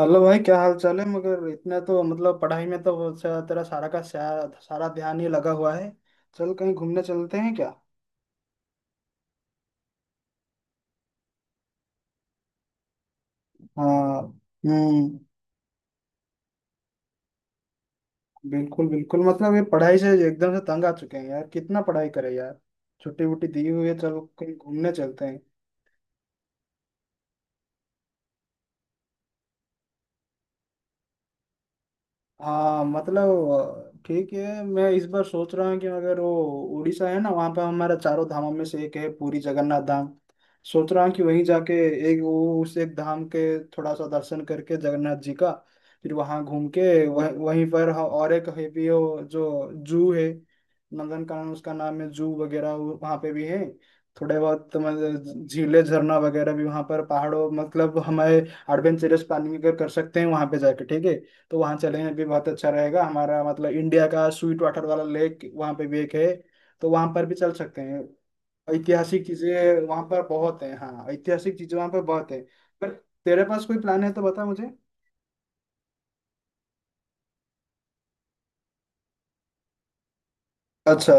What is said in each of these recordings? Hello भाई, क्या हाल चाल है? मगर इतना तो मतलब पढ़ाई में तो तेरा सारा का सारा ध्यान ही लगा हुआ है। चल कहीं घूमने चलते हैं क्या? हाँ। हम्म। बिल्कुल बिल्कुल, मतलब ये पढ़ाई से एकदम से तंग आ चुके हैं यार, कितना पढ़ाई करें यार। छुट्टी वुट्टी दी हुई है, चलो कहीं घूमने चलते हैं। हाँ, मतलब ठीक है। मैं इस बार सोच रहा हूँ कि अगर वो उड़ीसा है ना, वहाँ पर हमारा चारों धामों में से एक है पूरी जगन्नाथ धाम। सोच रहा हूँ कि वहीं जाके एक वो उस एक धाम के थोड़ा सा दर्शन करके जगन्नाथ जी का, फिर वहाँ घूम के वहीं पर और एक है भी वो जो जू है। नंदनकानन उसका नाम है, जू वगैरह वहाँ पे भी है। थोड़े बहुत तो मतलब झीलें झरना वगैरह भी वहाँ पर, पहाड़ों मतलब हमारे एडवेंचरस प्लानिंग अगर कर सकते हैं वहाँ पे जाके, ठीक है। तो वहाँ चलेंगे भी, बहुत अच्छा रहेगा हमारा। मतलब इंडिया का स्वीट वाटर वाला लेक वहाँ पे भी एक है, तो वहाँ पर भी चल सकते हैं। ऐतिहासिक चीजें वहाँ पर बहुत हैं, हाँ, ऐतिहासिक चीजें वहाँ पर बहुत हैं। पर तेरे पास कोई प्लान है तो बता मुझे। अच्छा।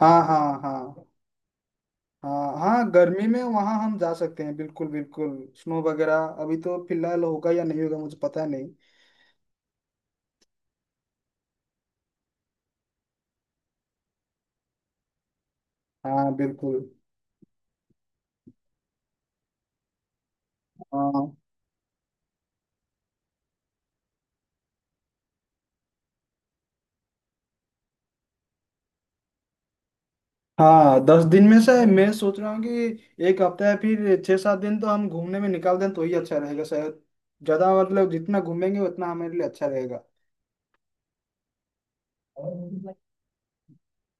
हाँ हाँ हाँ। हाँ, हाँ, गर्मी में वहाँ हम जा सकते हैं, बिल्कुल बिल्कुल। स्नो वगैरह अभी तो फिलहाल होगा या नहीं होगा, मुझे पता नहीं। हाँ, बिल्कुल। हाँ हाँ, 10 दिन में से मैं सोच रहा हूँ कि एक हफ्ता या फिर 6-7 दिन तो हम घूमने में निकाल दें, तो ही अच्छा रहेगा शायद। ज्यादा, मतलब जितना घूमेंगे उतना हमारे लिए अच्छा रहेगा।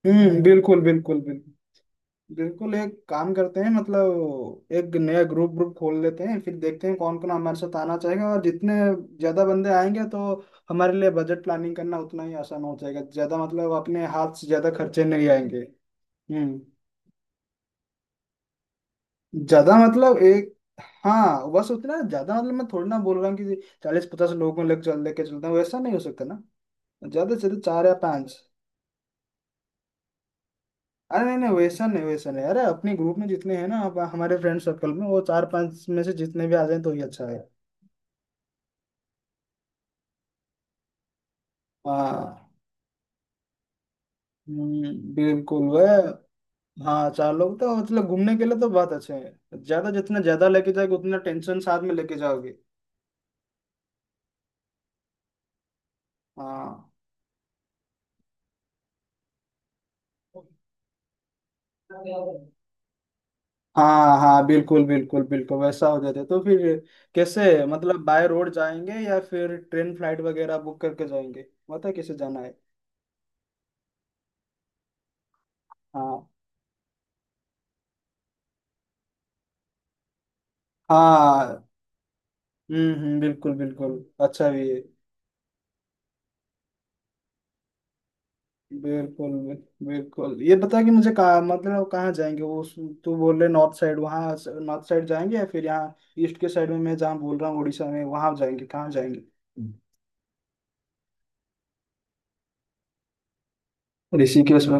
हम्म। बिल्कुल बिल्कुल बिल्कुल। बिल्कुल एक काम करते हैं, मतलब एक नया ग्रुप ग्रुप खोल लेते हैं, फिर देखते हैं कौन कौन हमारे साथ आना चाहेगा, और जितने ज्यादा बंदे आएंगे तो हमारे लिए बजट प्लानिंग करना उतना ही आसान हो जाएगा। ज्यादा, मतलब अपने हाथ से ज्यादा खर्चे नहीं आएंगे। हम्म। ज्यादा, मतलब एक, हाँ, बस उतना ज्यादा, मतलब मैं थोड़ी ना बोल रहा हूँ कि 40-50 लोगों को लेकर चल लेके चलता हूँ, वैसा नहीं हो सकता ना। ज्यादा से ज्यादा चार या पांच। अरे नहीं नहीं, वैसा नहीं, वैसा नहीं। अरे, अपने ग्रुप में जितने हैं ना, अब हमारे फ्रेंड सर्कल में वो चार पांच में से जितने भी आ जाए तो ही अच्छा है। हाँ। बिल्कुल, वह। हाँ, चार लोग तो मतलब घूमने के लिए तो बहुत अच्छे हैं, ज्यादा जितना ज्यादा लेके जाओगे उतना टेंशन साथ में लेके जाओगे। हाँ हाँ हाँ, बिल्कुल बिल्कुल बिल्कुल, वैसा हो जाता है तो फिर। कैसे, मतलब बाय रोड जाएंगे या फिर ट्रेन फ्लाइट वगैरह बुक करके जाएंगे? पता है कैसे जाना है? हाँ हाँ। हम्म। बिल्कुल बिल्कुल। अच्छा भी है। बिल्कुल बिल्कुल, ये बता कि मुझे कहाँ, मतलब कहाँ जाएंगे? तू बोल रहे नॉर्थ साइड वहाँ, नॉर्थ साइड जाएंगे या फिर यहाँ ईस्ट के साइड में, मैं जहाँ बोल रहा हूँ उड़ीसा में वहाँ जाएंगे? कहाँ जाएंगे? ऋषिकेश में?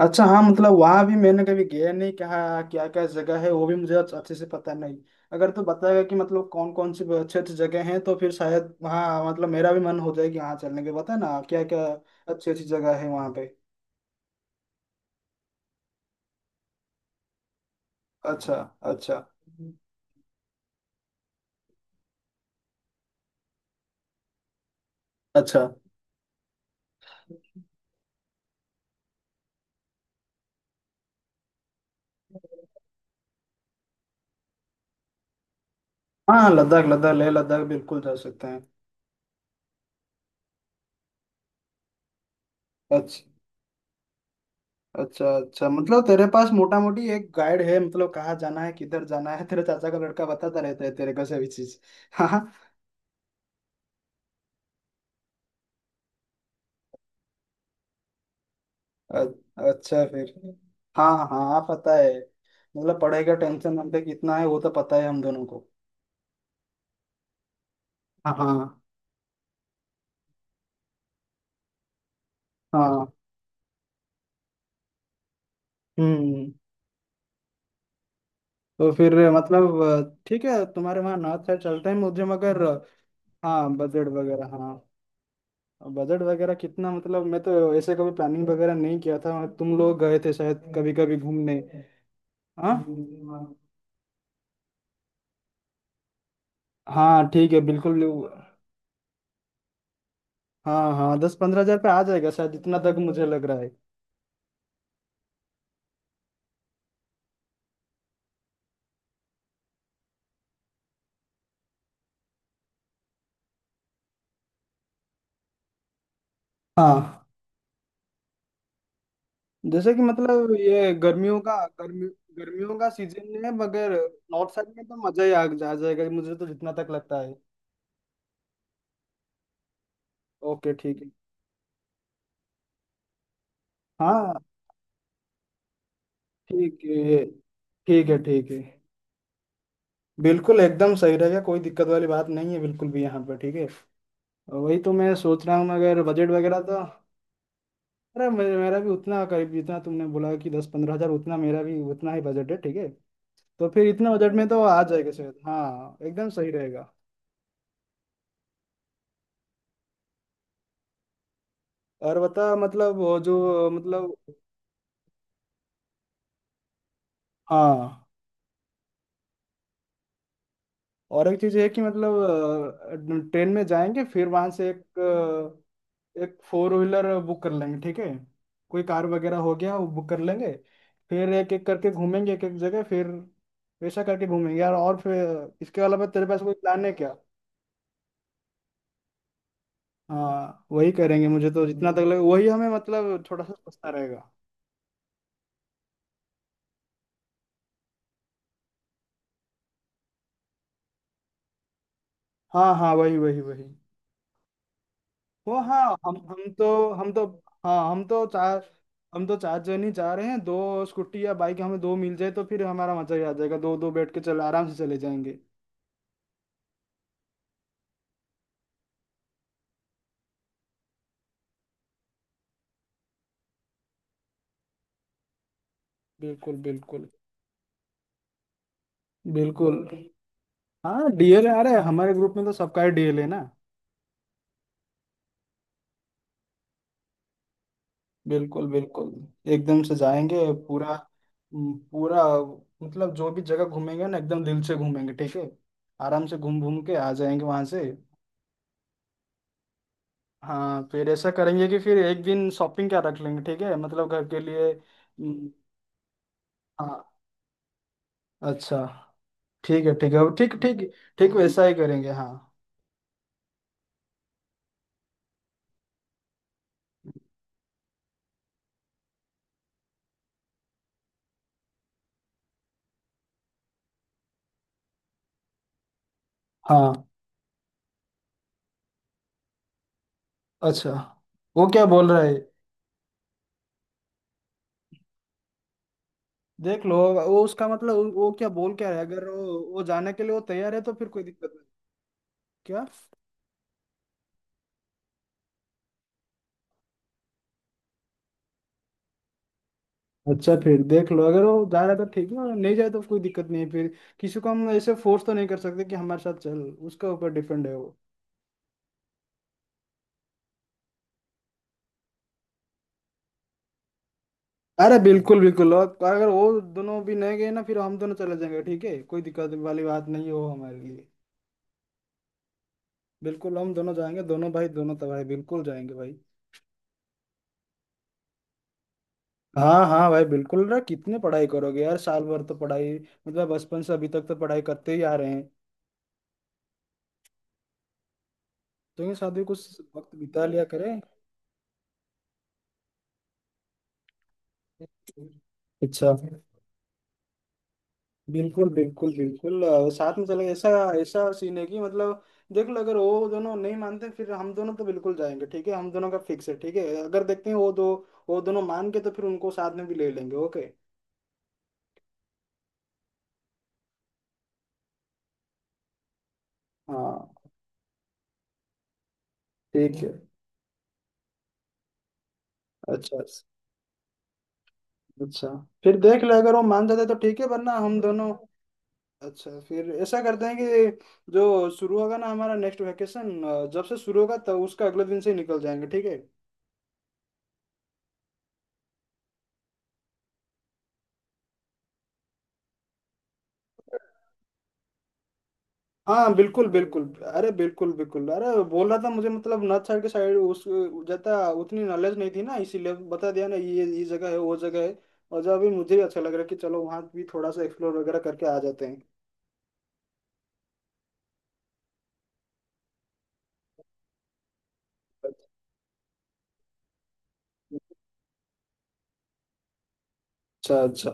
अच्छा, हाँ, मतलब वहाँ भी मैंने कभी गया नहीं, कहा क्या क्या जगह है वो भी मुझे अच्छे अच्छे से पता नहीं। अगर तू बताएगा कि मतलब कौन कौन सी अच्छी अच्छी जगह हैं, तो फिर शायद वहाँ, मतलब मेरा भी मन हो जाए कि वहाँ चलने के, बता ना क्या क्या अच्छी अच्छी जगह है वहाँ पे। अच्छा अच्छा। अच्छा, हाँ, लद्दाख लद्दाख, लेह लद्दाख बिल्कुल जा सकते हैं। अच्छा अच्छा। अच्छा, मतलब तेरे पास मोटा मोटी एक गाइड है, मतलब कहाँ जाना है किधर जाना है, तेरे चाचा का लड़का बताता रहता है तेरे को सभी चीज। अ- अच्छा फिर। हाँ हाँ पता है, मतलब पढ़ाई का टेंशन हम पे कितना है वो तो पता है हम दोनों को। हाँ हाँ। हम्म। तो फिर मतलब, ठीक है, तुम्हारे वहाँ नॉर्थ साइड चलते हैं मुझे मगर। हाँ, बजट वगैरह, हाँ। बजट वगैरह कितना, मतलब मैं तो ऐसे कभी प्लानिंग वगैरह नहीं किया था, तुम लोग गए थे शायद कभी कभी घूमने। हाँ हाँ ठीक है बिल्कुल। हाँ हाँ, 10-15 हजार पे आ जाएगा शायद, इतना तक मुझे लग रहा है। हाँ, जैसे कि मतलब ये गर्मियों का, गर्मी, गर्मियों का सीजन है मगर नॉर्थ साइड में तो मजा ही आ जा जाएगा मुझे तो जितना तक लगता है। ओके ठीक है। हाँ ठीक है, ठीक है, ठीक है। बिल्कुल एकदम सही रहेगा, कोई दिक्कत वाली बात नहीं है बिल्कुल भी, यहाँ पर ठीक है। वही तो मैं सोच रहा हूँ, अगर बजट वगैरह तो। अरे, मेरा भी उतना करीब जितना तुमने बोला कि 10-15 हजार, उतना मेरा भी उतना ही बजट है, ठीक है। तो फिर इतना बजट में तो आ जाएगा शायद, हाँ एकदम सही रहेगा। और बता, मतलब वो जो मतलब, हाँ, और एक चीज ये है कि मतलब ट्रेन में जाएंगे, फिर वहां से एक फोर व्हीलर बुक कर लेंगे, ठीक है। कोई कार वगैरह हो गया वो बुक कर लेंगे, फिर एक एक करके घूमेंगे एक एक जगह, फिर वैसा करके घूमेंगे यार। और फिर इसके अलावा तेरे पास कोई प्लान है क्या? हाँ वही करेंगे, मुझे तो जितना तक लगे वही हमें, मतलब थोड़ा सा सस्ता रहेगा। हाँ हाँ, वही वही वही, वो, हाँ, हम तो हाँ, हम तो चार जन ही जा रहे हैं। दो स्कूटी या बाइक हमें दो मिल जाए तो फिर हमारा मजा ही आ जाएगा, दो दो बैठ के चल आराम से चले जाएंगे। बिल्कुल बिल्कुल बिल्कुल। हाँ, डीएल आ रहा है हमारे ग्रुप में, तो सबका ही डीएल है ना। बिल्कुल बिल्कुल। एकदम से जाएंगे पूरा, पूरा मतलब जो भी जगह घूमेंगे ना एकदम दिल से घूमेंगे, ठीक है। आराम से घूम घूम के आ जाएंगे वहां से। हाँ, फिर ऐसा करेंगे कि फिर एक दिन शॉपिंग क्या रख लेंगे, ठीक है, मतलब घर के लिए। हम्म। हाँ। अच्छा, ठीक है ठीक है, ठीक ठीक। ठीक, वैसा ही करेंगे, हाँ। हाँ, अच्छा, वो क्या बोल रहा है? देख लो वो उसका मतलब, वो क्या बोल क्या रहा है, अगर वो जाने के लिए वो तैयार है तो फिर कोई दिक्कत नहीं। क्या? अच्छा, फिर देख लो अगर वो जा रहा है तो ठीक है, और नहीं जाए तो कोई दिक्कत नहीं है फिर। किसी को हम ऐसे फोर्स तो नहीं कर सकते कि हमारे साथ चल, उसके ऊपर डिपेंड है वो। अरे बिल्कुल बिल्कुल, और तो अगर वो दोनों भी नहीं गए ना, फिर हम दोनों चले जाएंगे, ठीक है, कोई दिक्कत वाली बात नहीं है वो हमारे लिए। बिल्कुल हम दोनों जाएंगे, दोनों भाई, दोनों तो भाई बिल्कुल जाएंगे भाई। हाँ हाँ भाई, बिल्कुल ना, कितने पढ़ाई करोगे यार, साल भर तो पढ़ाई, मतलब बचपन से अभी तक तो पढ़ाई करते ही आ रहे हैं। तो ये साथ में कुछ वक्त बिता लिया करें। अच्छा, बिल्कुल बिल्कुल बिल्कुल, साथ में चलेंगे ऐसा। ऐसा सीन है कि मतलब, देख लो अगर वो दोनों नहीं मानते फिर हम दोनों तो बिल्कुल जाएंगे, ठीक है, हम दोनों का फिक्स है, ठीक है। अगर देखते हैं वो दोनों मान के तो फिर उनको साथ में भी ले लेंगे, ओके। हाँ ठीक है। अच्छा अच्छा, फिर देख लो अगर वो मान जाते तो ठीक है, वरना हम दोनों। अच्छा, फिर ऐसा करते हैं कि जो शुरू होगा ना हमारा नेक्स्ट वेकेशन, जब से शुरू होगा तब उसका अगले दिन से ही निकल जाएंगे, ठीक है। हाँ बिल्कुल बिल्कुल, अरे बिल्कुल बिल्कुल, अरे बोल रहा था मुझे, मतलब नॉर्थ साइड के साइड उस ज्यादा उतनी नॉलेज नहीं थी ना, इसीलिए बता दिया ना ये जगह है वो जगह है। और जब अभी मुझे भी अच्छा लग रहा है कि चलो वहाँ भी थोड़ा सा एक्सप्लोर वगैरह करके आ जाते हैं। अच्छा अच्छा।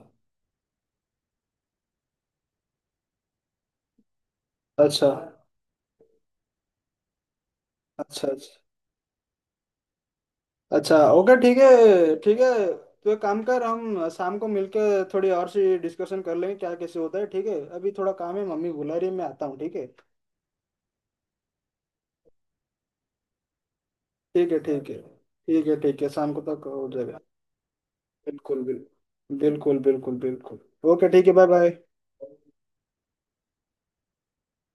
अच्छा अच्छा। अच्छा अच्छा। ओके ठीक है, ठीक है। तो एक काम कर, हम शाम को मिलके थोड़ी और सी डिस्कशन कर लेंगे क्या, कैसे होता है, ठीक है? अभी थोड़ा काम है, मम्मी बुला रही है, मैं आता हूँ, ठीक है। ठीक है ठीक है। ठीक है ठीक है, शाम को तक हो जाएगा। बिल्कुल बिल्कुल। बिल्कुल बिल्कुल बिल्कुल। ओके ठीक है, बाय बाय।